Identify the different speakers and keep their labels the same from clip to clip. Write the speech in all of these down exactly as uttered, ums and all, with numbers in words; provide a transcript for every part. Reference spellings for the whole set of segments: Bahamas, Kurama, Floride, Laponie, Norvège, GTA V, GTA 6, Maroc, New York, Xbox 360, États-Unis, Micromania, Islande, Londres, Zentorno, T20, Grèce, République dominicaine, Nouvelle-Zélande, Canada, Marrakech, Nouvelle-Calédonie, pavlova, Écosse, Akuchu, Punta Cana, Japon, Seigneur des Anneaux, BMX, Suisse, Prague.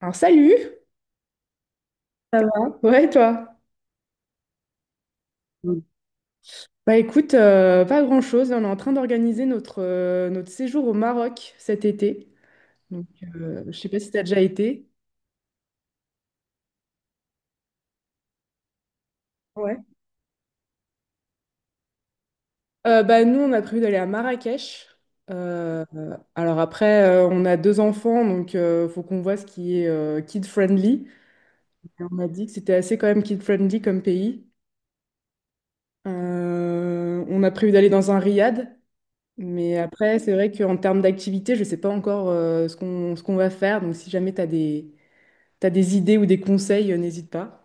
Speaker 1: Alors salut. Ça va? Ouais, toi? Mm. Bah écoute, euh, pas grand-chose. On est en train d'organiser notre, euh, notre séjour au Maroc cet été. Donc euh, je sais pas si t'as déjà été. Ouais. Euh, bah, nous on a prévu d'aller à Marrakech. Euh, euh, alors après, euh, on a deux enfants, donc euh, faut qu'on voit ce qui est euh, kid-friendly. Et on a dit que c'était assez quand même kid-friendly comme pays. Euh, on a prévu d'aller dans un riad. Mais après, c'est vrai qu'en termes d'activité, je ne sais pas encore euh, ce qu'on ce qu'on va faire. Donc, si jamais tu as des, t'as des idées ou des conseils, euh, n'hésite pas.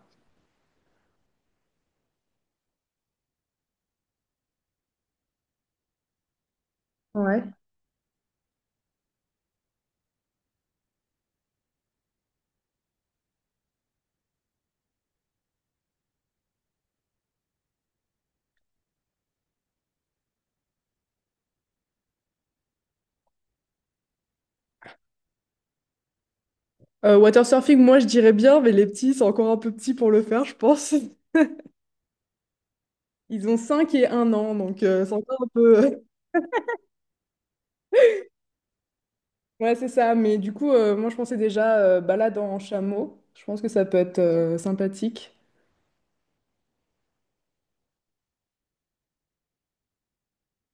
Speaker 1: Ouais. Euh, watersurfing, moi, je dirais bien, mais les petits sont encore un peu petits pour le faire, je pense. Ils ont cinq et un an, donc euh, c'est encore un peu... Ouais, c'est ça. Mais du coup, euh, moi, je pensais déjà euh, balade en chameau. Je pense que ça peut être euh, sympathique.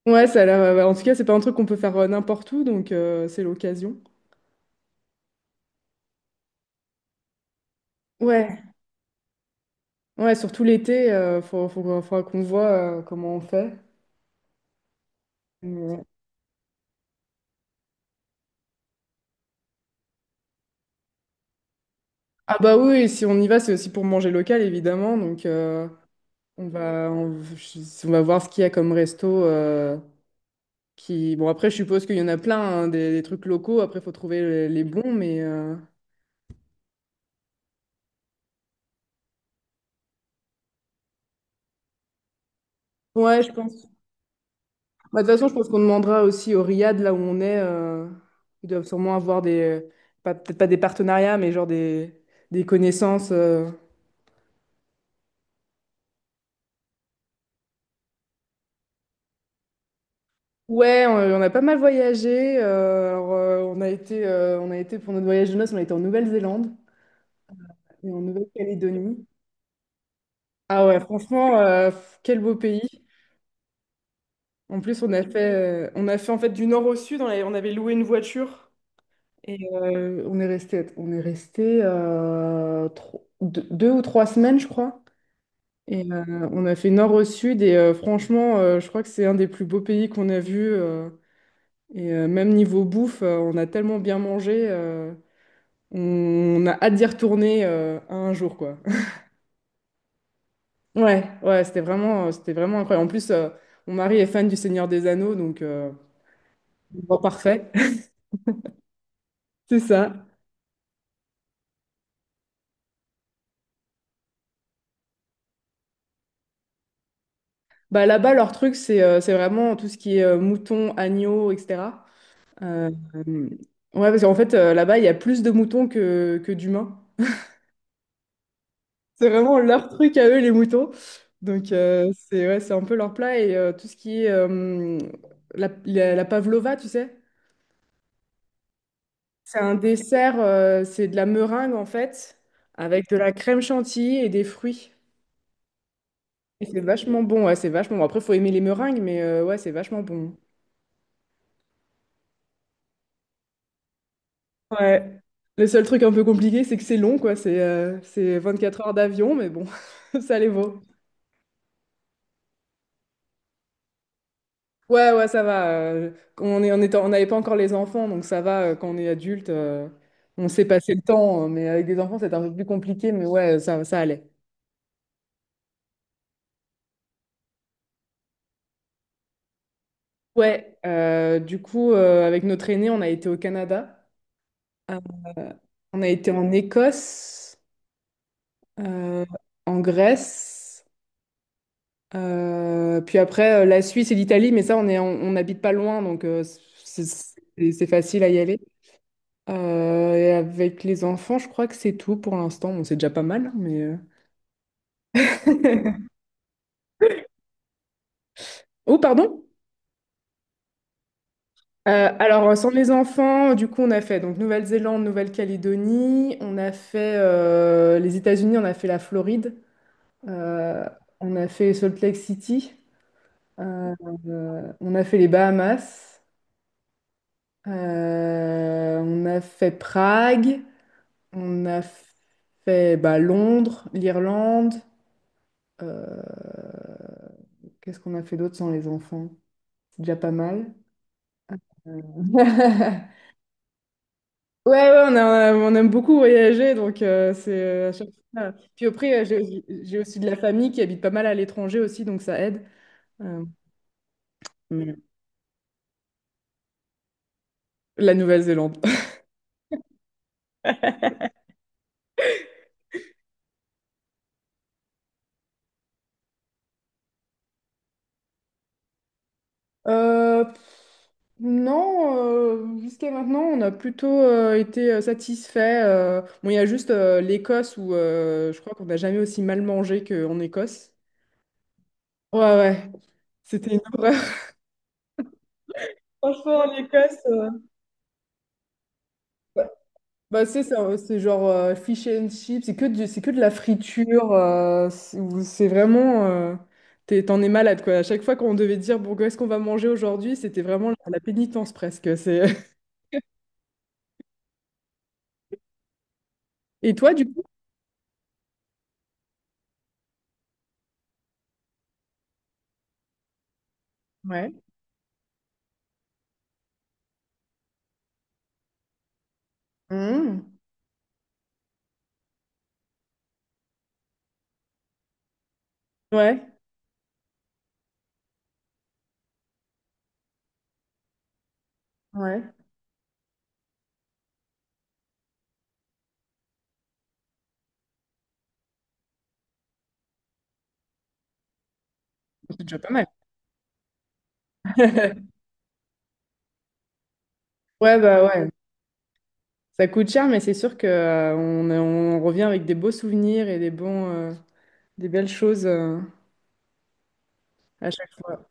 Speaker 1: Ouais, ça a l'air. Ouais, ouais, en tout cas, c'est pas un truc qu'on peut faire euh, n'importe où, donc euh, c'est l'occasion. Ouais. Ouais, surtout l'été, il faut, faut, qu'on faudra qu'on voit euh, comment on fait. Mais- Ah bah oui, et si on y va, c'est aussi pour manger local, évidemment. Donc euh, on va, on, je- on va voir ce qu'il y a comme resto. euh, qui... Bon, après, je suppose qu'il y en a plein, hein, des, des trucs locaux. Après, il faut trouver les, les bons, mais euh, ouais, je pense. Bah, de toute façon, je pense qu'on demandera aussi au Riyad, là où on est. euh, Ils doivent sûrement avoir des... pas- Peut-être pas des partenariats, mais genre des, des connaissances. euh, Ouais, on, on a pas mal voyagé. Euh, alors, euh, on a été, euh, on a été pour notre voyage de noces, on a été en Nouvelle-Zélande et en Nouvelle-Calédonie. Ah ouais, franchement, euh, pff, quel beau pays. En plus, on a fait, euh, on a fait en fait du nord au sud. On a- on avait loué une voiture et euh, on est resté, on est resté euh, tro- deux, deux ou trois semaines, je crois. Et euh, on a fait nord au sud et euh, franchement, euh, je crois que c'est un des plus beaux pays qu'on a vus. Euh, et euh, même niveau bouffe, euh, on a tellement bien mangé. euh, On a hâte d'y retourner euh, un jour, quoi. Ouais, ouais, c'était vraiment, euh, c'était vraiment incroyable. En plus, euh, mon mari est fan du Seigneur des Anneaux, donc euh, bon, parfait. C'est ça. Bah, là-bas, leur truc, c'est euh, c'est vraiment tout ce qui est euh, moutons, agneaux, et cetera. Euh, euh, ouais, parce qu'en fait, euh, là-bas, il y a plus de moutons que, que d'humains. C'est vraiment leur truc à eux, les moutons. Donc, euh, c'est ouais, c'est un peu leur plat. Et euh, tout ce qui est euh, la, la, la pavlova, tu sais? C'est un dessert, euh, c'est de la meringue en fait, avec de la crème chantilly et des fruits. Et c'est vachement bon, ouais, c'est vachement bon. Après, faut aimer les meringues, mais euh, ouais, c'est vachement bon. Ouais. Le seul truc un peu compliqué, c'est que c'est long, quoi. C'est euh, c'est vingt-quatre heures d'avion, mais bon, ça les vaut. Ouais, ouais, ça va. Euh, on est, on est- on n'avait pas encore les enfants, donc ça va. Euh, quand on est adulte, euh, on sait passer le temps, euh, mais avec des enfants, c'est un peu plus compliqué, mais ouais, ça, ça allait. Ouais, euh, du coup, euh, avec notre aîné, on a été au Canada. On a été en Écosse, euh, en Grèce, euh, puis après euh, la Suisse et l'Italie, mais ça, on est, on, on n'habite pas loin, donc euh, c'est c'est- c'est facile à y aller. Euh, et avec les enfants, je crois que c'est tout pour l'instant. Bon, c'est déjà pas mal, hein, mais euh. Oh, pardon? Euh, alors, euh, sans les enfants, du coup, on a fait donc Nouvelle-Zélande, Nouvelle-Calédonie, on a fait euh, les États-Unis, on a fait la Floride, euh, on a fait Salt Lake City. Euh, euh, on a fait les Bahamas, euh, on a fait Prague, on a fait bah, Londres, l'Irlande. euh, Qu'est-ce qu'on a fait d'autre sans les enfants? C'est déjà pas mal. Euh, Ouais, ouais, on a- on aime beaucoup voyager, donc euh, c'est euh, à chaque fois. Puis après, euh, j'ai j'ai aussi de la famille qui habite pas mal à l'étranger aussi, donc ça aide. Euh, mais- La Nouvelle-Zélande. Euh, non, euh, jusqu'à maintenant, on a plutôt euh, été euh, satisfait. euh. Bon, il y a juste euh, l'Écosse où euh, je crois qu'on n'a jamais aussi mal mangé qu'en Écosse. Ouais, ouais, c'était une horreur. Franchement, l'Écosse. euh, Bah, c'est ça, ouais, c'est genre euh, fish and chips, c'est que du- c'est que de la friture, euh, c'est c'est vraiment. Euh, t'es- t'en es malade, quoi. À chaque fois qu'on devait dire, bon, qu'est-ce qu'on va manger aujourd'hui, c'était vraiment la, la pénitence presque. C'est... Et toi, du coup? Ouais. Mmh. Ouais, ouais. C'est déjà pas mal. Ouais, bah ouais. Ça coûte cher, mais c'est sûr que euh, on, on revient avec des beaux souvenirs et des bons, euh, des belles choses euh, à chaque fois.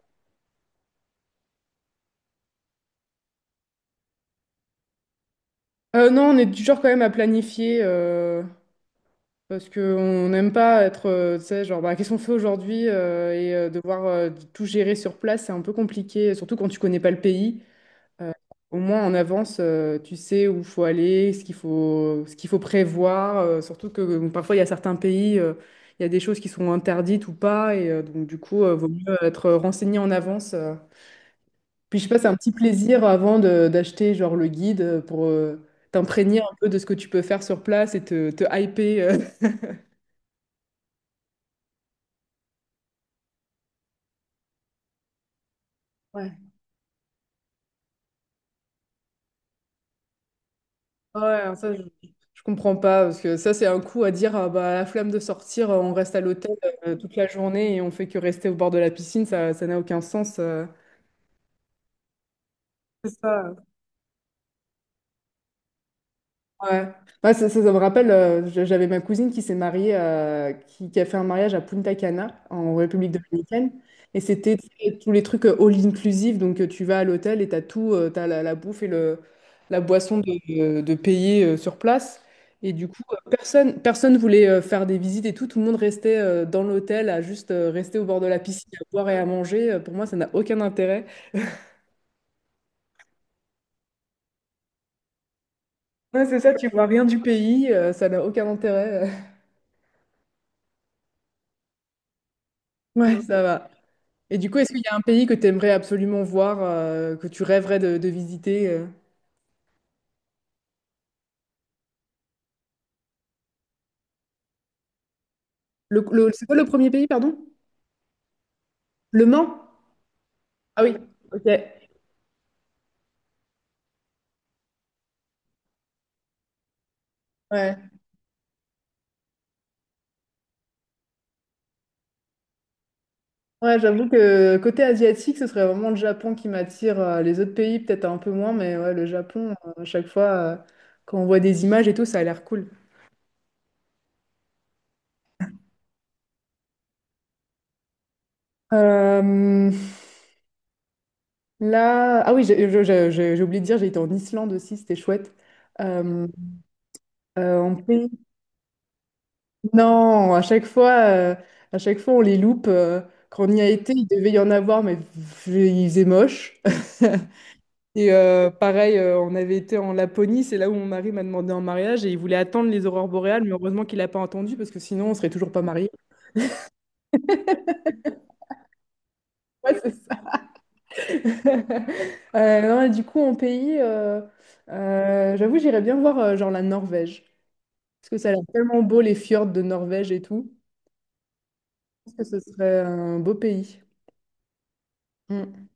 Speaker 1: Euh, non, on est toujours quand même à planifier, euh, parce qu'on n'aime pas être, euh, tu sais, genre, bah, qu'est-ce qu'on fait aujourd'hui, euh, et euh, devoir euh, tout gérer sur place, c'est un peu compliqué, surtout quand tu connais pas le pays. Euh, Au moins en avance, euh, tu sais où faut aller, ce qu'il faut, ce qu'il faut prévoir. Euh, surtout que euh, parfois il y a certains pays, euh, il y a des choses qui sont interdites ou pas, et euh, donc du coup, euh, vaut mieux être renseigné en avance. euh. Puis je sais pas, c'est un petit plaisir avant de- d'acheter genre le guide euh, pour euh, t'imprégner un peu de ce que tu peux faire sur place et te, te hyper. euh. Ouais. Ouais, ça, je, je comprends pas, parce que ça, c'est un coup à dire, ah, bah, la flemme de sortir, euh, on reste à l'hôtel euh, toute la journée et on fait que rester au bord de la piscine. ça, ça n'a aucun sens. euh. C'est ça. Ouais. Ouais, ça, ça- ça me rappelle, euh, j- j'avais ma cousine qui s'est mariée, euh, qui, qui a fait un mariage à Punta Cana, en République dominicaine. Et c'était, tu sais, tous les trucs euh, all inclusive. Donc euh, tu vas à l'hôtel et tu as tout, tu as la, la bouffe et le, la boisson de, de payer euh, sur place. Et du coup, euh, personne personne voulait euh, faire des visites et tout. Tout le monde restait euh, dans l'hôtel à juste euh, rester au bord de la piscine, à boire et à manger. Euh, Pour moi, ça n'a aucun intérêt. Ouais, c'est ça, tu vois rien du pays, euh, ça n'a aucun intérêt. Ouais, ça va. Et du coup, est-ce qu'il y a un pays que tu aimerais absolument voir, euh, que tu rêverais de, de visiter? Euh Le, le- c'est quoi le premier pays, pardon? Le Mans? Ah oui, ok. Ouais, ouais, j'avoue que côté asiatique, ce serait vraiment le Japon qui m'attire. euh, Les autres pays, peut-être un peu moins, mais ouais, le Japon, euh, à chaque fois, euh, quand on voit des images et tout, ça a l'air cool. Euh, Là, ah oui, j'ai j'ai- j'ai- j'ai oublié de dire, j'ai été en Islande aussi, c'était chouette. Euh, euh, en pays Non, à chaque fois, euh, à chaque fois on les loupe. Euh, quand on y a été, il devait y en avoir, mais pff, il faisait moche. Et euh, pareil, euh, on avait été en Laponie, c'est là où mon mari m'a demandé en mariage et il voulait attendre les aurores boréales, mais heureusement qu'il n'a pas entendu parce que sinon on serait toujours pas mariés. Ouais, c'est ça. Euh, non, et du coup, en pays, euh, euh, j'avoue, j'irais bien voir euh, genre la Norvège parce que ça a l'air tellement beau les fjords de Norvège et tout. Je pense que ce serait un beau pays. Mm.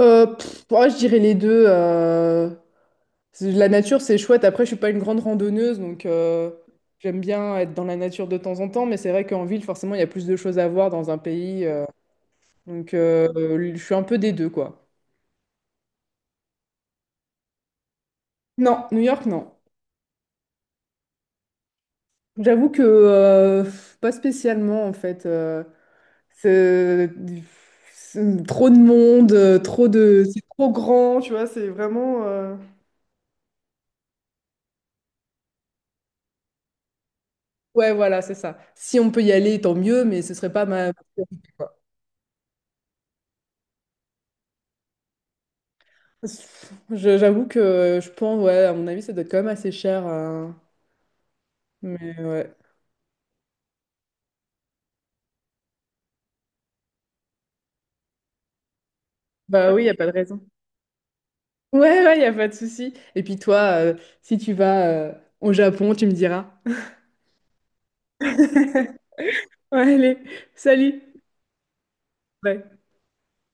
Speaker 1: Euh, pff, ouais, je dirais les deux. euh, c'est- La nature, c'est chouette. Après, je suis pas une grande randonneuse, donc euh, j'aime bien être dans la nature de temps en temps. Mais c'est vrai qu'en ville, forcément, il y a plus de choses à voir dans un pays. euh, Donc, euh, je suis un peu des deux, quoi. Non, New York, non. J'avoue que euh, pas spécialement, en fait. euh, c'est c'est trop de monde, euh, trop de, c'est trop grand, tu vois. C'est vraiment. euh, Ouais, voilà, c'est ça. Si on peut y aller, tant mieux, mais ce serait pas ma priorité, quoi. Je- J'avoue que je pense, ouais, à mon avis, ça doit être quand même assez cher. Euh, mais ouais. Bah oui, il n'y a pas de raison. Ouais, ouais, il n'y a pas de souci. Et puis toi, euh, si tu vas euh, au Japon, tu me diras. Ouais, allez, salut. Ouais.